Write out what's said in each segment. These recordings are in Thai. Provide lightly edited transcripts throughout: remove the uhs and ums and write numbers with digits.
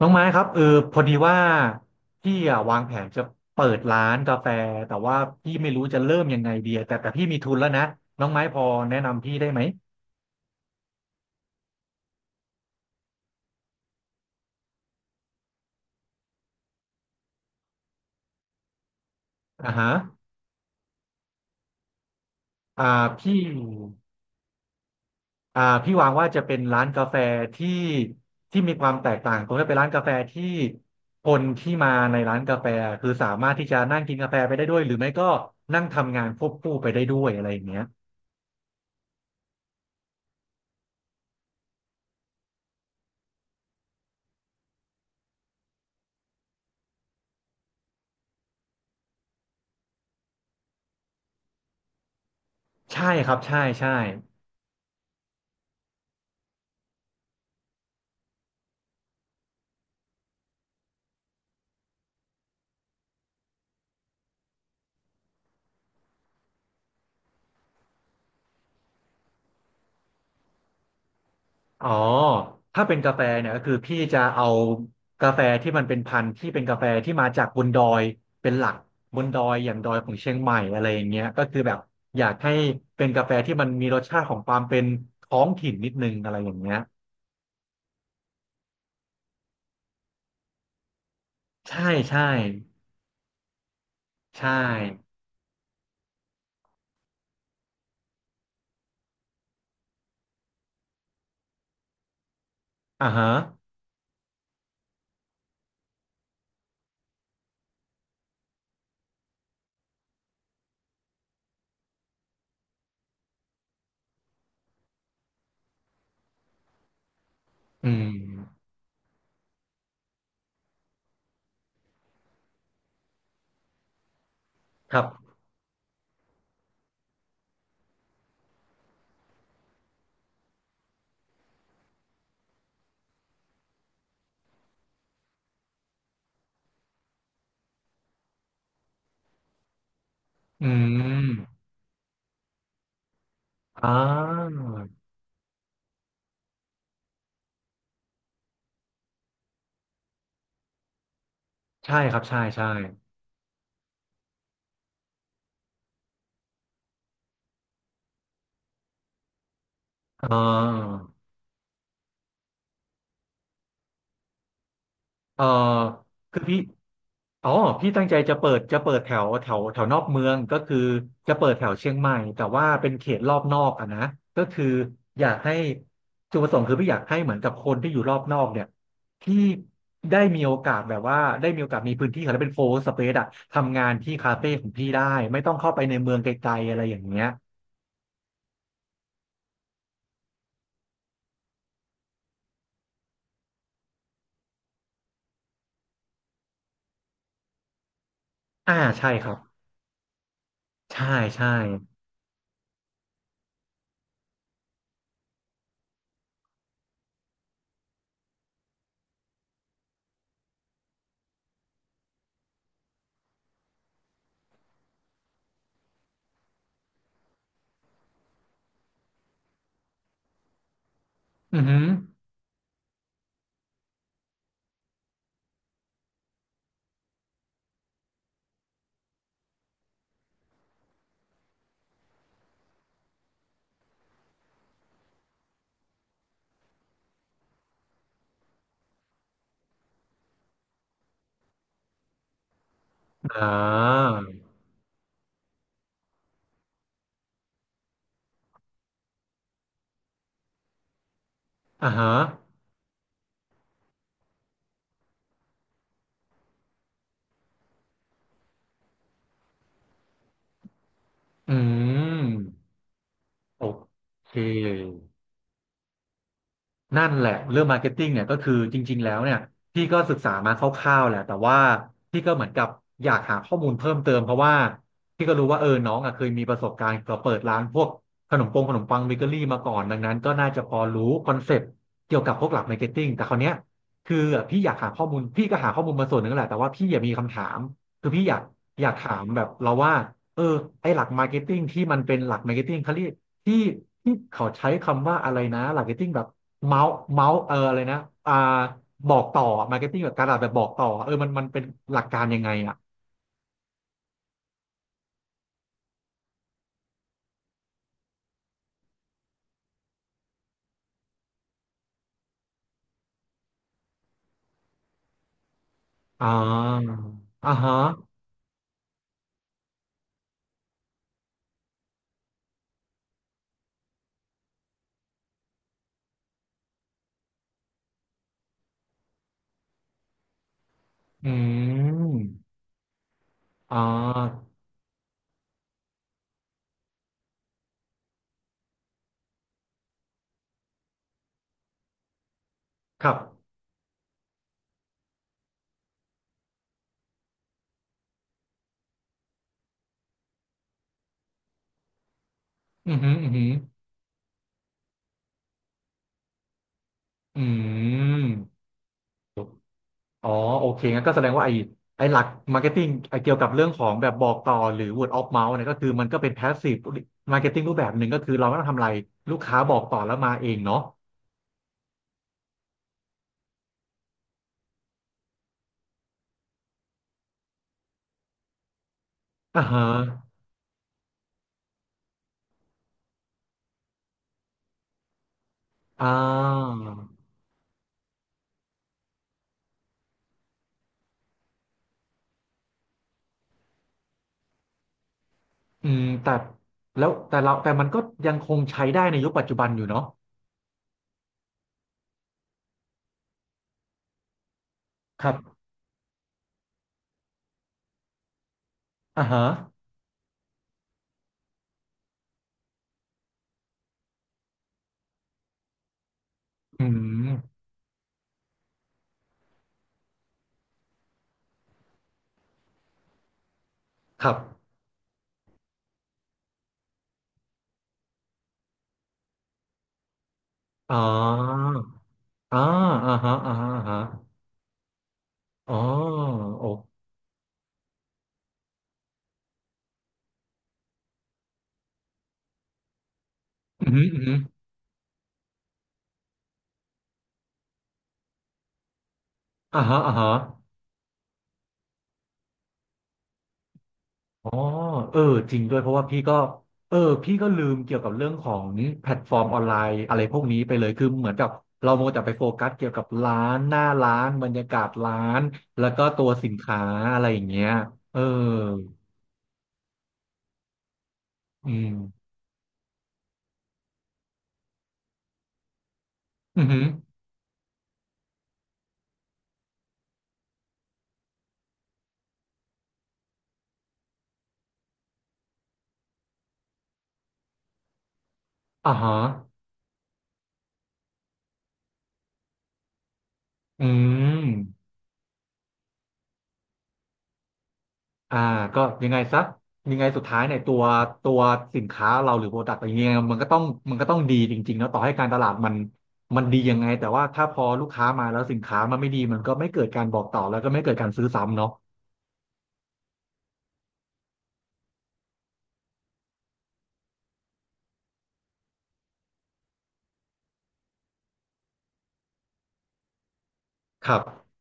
น้องไม้ครับเออพอดีว่าพี่อะวางแผนจะเปิดร้านกาแฟแต่ว่าพี่ไม่รู้จะเริ่มยังไงดีอะแต่พี่มีทุนแล้วนะน้องไม้พอแนะนำพี่ได้ไหมอ่าฮะอ่าพี่อ่าพี่วางว่าจะเป็นร้านกาแฟที่ที่มีความแตกต่างตรงที่เป็นร้านกาแฟที่คนที่มาในร้านกาแฟคือสามารถที่จะนั่งกินกาแฟไปได้ด้วยหรือไม่ก็นั่งทำงานควบคู่ไปได้ด้วยอะไรอย่างเงี้ยใช่ครับใช่ใช่ อ๋อถ้าเป็นกาแฟเนี่ยก็คือพี่จะเอากาแฟที่มันเป็นพันธุ์ที่เป็นกาแฟที่มาจากบนดอยเป็นหลักบนดอยอย่างดอยของเชียงใหม่อะไรอย่างเงี้ยก็คือแบบอยากให้เป็นกาแฟที่มันมีรสชาติของความเป็นท้องถิ่นนิดนึงอะไรอย่างเงี้ยใช่ใช่ใช่อ่าฮะอืมครับอืมอ่าใช่ครับใช่ใช่อ่า เออคือพี่อ๋อพี่ตั้งใจจะเปิดจะเปิดแถวแถวแถวนอกเมืองก็คือจะเปิดแถวเชียงใหม่แต่ว่าเป็นเขตรอบนอกอะนะก็คืออยากให้จุดประสงค์คือพี่อยากให้เหมือนกับคนที่อยู่รอบนอกเนี่ยที่ได้มีโอกาสแบบว่าได้มีโอกาสมีพื้นที่แล้วเป็นโฟร์สเปซอะทำงานที่คาเฟ่ของพี่ได้ไม่ต้องเข้าไปในเมืองไกลๆอะไรอย่างเงี้ยอ่าใช่ครับใช่ใช่อือหืออ่าอ่าฮะอืม โอเค นั่นแหละเรื่องมาร์เก็ตติ้งเนี่ยก็คือจริงๆแล้วเนี่ยพี่ก็ศึกษามาคร่าวๆแหละแต่ว่าพี่ก็เหมือนกับอยากหาข้อมูลเพิ่มเติมเพราะว่าพี่ก็รู้ว่าเออน้องอ่ะเคยมีประสบการณ์กับเปิดร้านพวกขนมปงขนมปังเบเกอรี่มาก่อนดังนั้นก็น่าจะพอรู้คอนเซปต์เกี่ยวกับพวกหลักมาร์เก็ตติ้งแต่คราวเนี้ยคือพี่อยากหาข้อมูลพี่ก็หาข้อมูลมาส่วนหนึ่งแหละแต่ว่าพี่อยากมีคำถามคือพี่อยากอยากถามแบบเราว่าเออไอหลักมาร์เก็ตติ้งที่มันเป็นหลักมาร์เก็ตติ้งเขาเรียก ที่ที่เขาใช้คำว่าอะไรนะมาร์เกแบบเมาส์เมาส์เอออะไรนะอ่าบอกต่อมาร์เก็ตติ้งแบบการตลาดแบบบอกต่อเออมันเป็นหลักการยังไงอ่ะอ่าอ่าฮะอืมอ่าครับอือหืออือหืออืมอ๋อโอเคงั้นก็แสดงว่าไอ้ไอ้หลักมาร์เก็ตติ้งเกี่ยวกับเรื่องของแบบบอกต่อหรือ word of mouth เนี่ยก็คือมันก็เป็น passive marketing รูปแบบหนึ่งก็คือเราไม่ต้องทำอะไรลูกค้าบอกต่อแล้วมาเองเนาะอ่าฮะ อ่าอืมแต่แล้วแต่เราแต่มันก็ยังคงใช้ได้ในยุคปัจจุบันอยู่เนาะครับอ่าฮะอืมครับอ๋ออ่าอ่าฮะอ่าฮะอ่าฮะอ๋อโอ้อืมอหืมออือหืออ่าฮะอ่าฮะ อ๋อเออจริงด้วยเพราะว่าพี่ก็เออพี่ก็ลืมเกี่ยวกับเรื่องของแพลตฟอร์มออนไลน์อะไรพวกนี้ไปเลยคือเหมือนกับเราโมวแต่ไปโฟกัสเกี่ยวกับร้านหน้าร้านบรรยากาศร้านแล้วก็ตัวสินค้าอะไรอย่างเงี้ยเอออืมอือหืออ่าฮะอืม อ่าก็ยังไงซะยังไงสุดท้ายเนี่ยตัวตัวสินค้าเราหรือโปรดักต์อะไรเงี้ยมันก็ต้องมันก็ต้องดีจริงๆเนาะต่อให้การตลาดมันดียังไงแต่ว่าถ้าพอลูกค้ามาแล้วสินค้ามันไม่ดีมันก็ไม่เกิดการบอกต่อแล้วก็ไม่เกิดการซื้อซ้ำเนาะครับ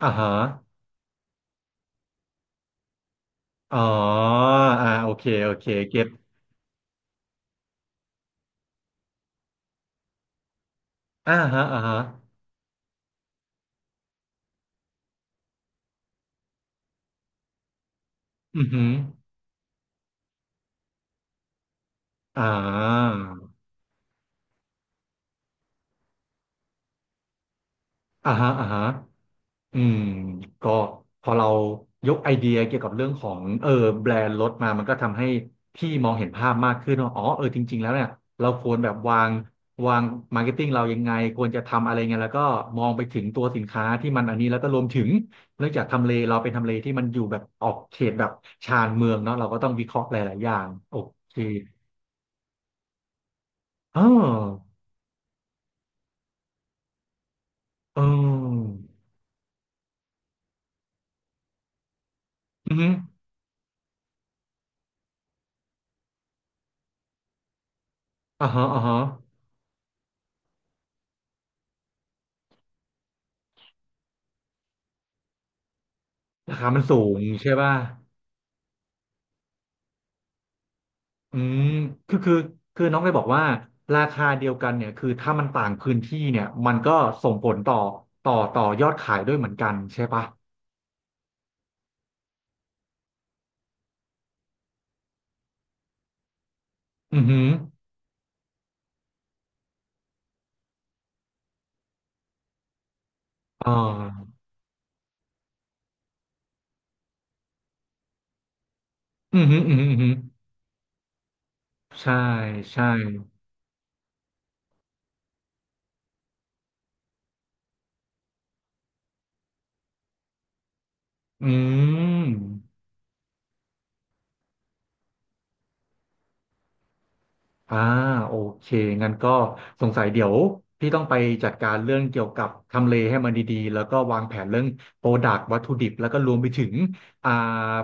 อ่าฮะอ๋ออ่าโอเคโอเคเก็ตอ่าฮะอ่าฮะอือหืออ่าอ่าฮะอ่าฮะ อืมก็พอเรายกไอเดียเกี่ยวกับเรื่องของเออแบรนด์รถมามันก็ทำให้พี่มองเห็นภาพมากขึ้นว่าอ๋อเออจริงๆแล้วเนี่ยเราควรแบบวางวางมาร์เก็ตติ้งเรายังไงควรจะทำอะไรไงแล้วก็มองไปถึงตัวสินค้าที่มันอันนี้แล้วก็รวมถึงเนื่องจากทำเลเราเป็นทำเลที่มันอยู่แบบออกเขตแบบชานเมืองเนาะเราก็ต้องวิเคราะห์หลายๆอย่างโอเคอ๋อเอออือฮึอ่าฮะอ่าฮะราคามันสูงใช่ป่ะ อืมคือคือคือน้องได้บอกว่าราคาเดียวกันเนี่ย คือถ้ามันต่างพื้นที่เนี่ย มันก็ส่งผลต่อต่อยอดขายด้วยเหมือนกันใช่ปะอือหืออ่าอือหืออือหืออือหือใช่ใช่อืม อ่าโอเคงั้นก็สงสัยเดี๋ยวพี่ต้องไปจัดการเรื่องเกี่ยวกับทำเลให้มันดีๆแล้วก็วางแผนเรื่องโปรดักต์วัตถุดิบแล้วก็รวมไปถึงอ่า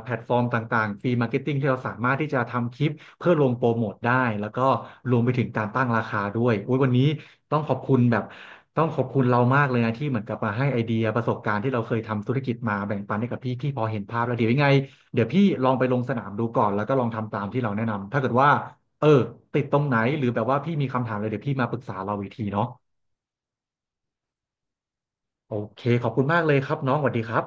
แพลตฟอร์มต่างๆฟรีมาร์เก็ตติ้งที่เราสามารถที่จะทำคลิปเพื่อลงโปรโมทได้แล้วก็รวมไปถึงการตั้งราคาด้วยอุยวันนี้ต้องขอบคุณแบบต้องขอบคุณเรามากเลยนะที่เหมือนกับมาให้ไอเดียประสบการณ์ที่เราเคยทำธุรกิจมาแบ่งปันให้กับพี่พอเห็นภาพแล้วเดี๋ยวยังไงเดี๋ยวพี่ลองไปลงสนามดูก่อนแล้วก็ลองทำตามที่เราแนะนำถ้าเกิดว่า เออติดตรงไหนหรือแบบว่าพี่มีคำถามอะไรเดี๋ยวพี่มาปรึกษาเราอีกทีเนาะโอเคขอบคุณมากเลยครับน้องสวัสดีครับ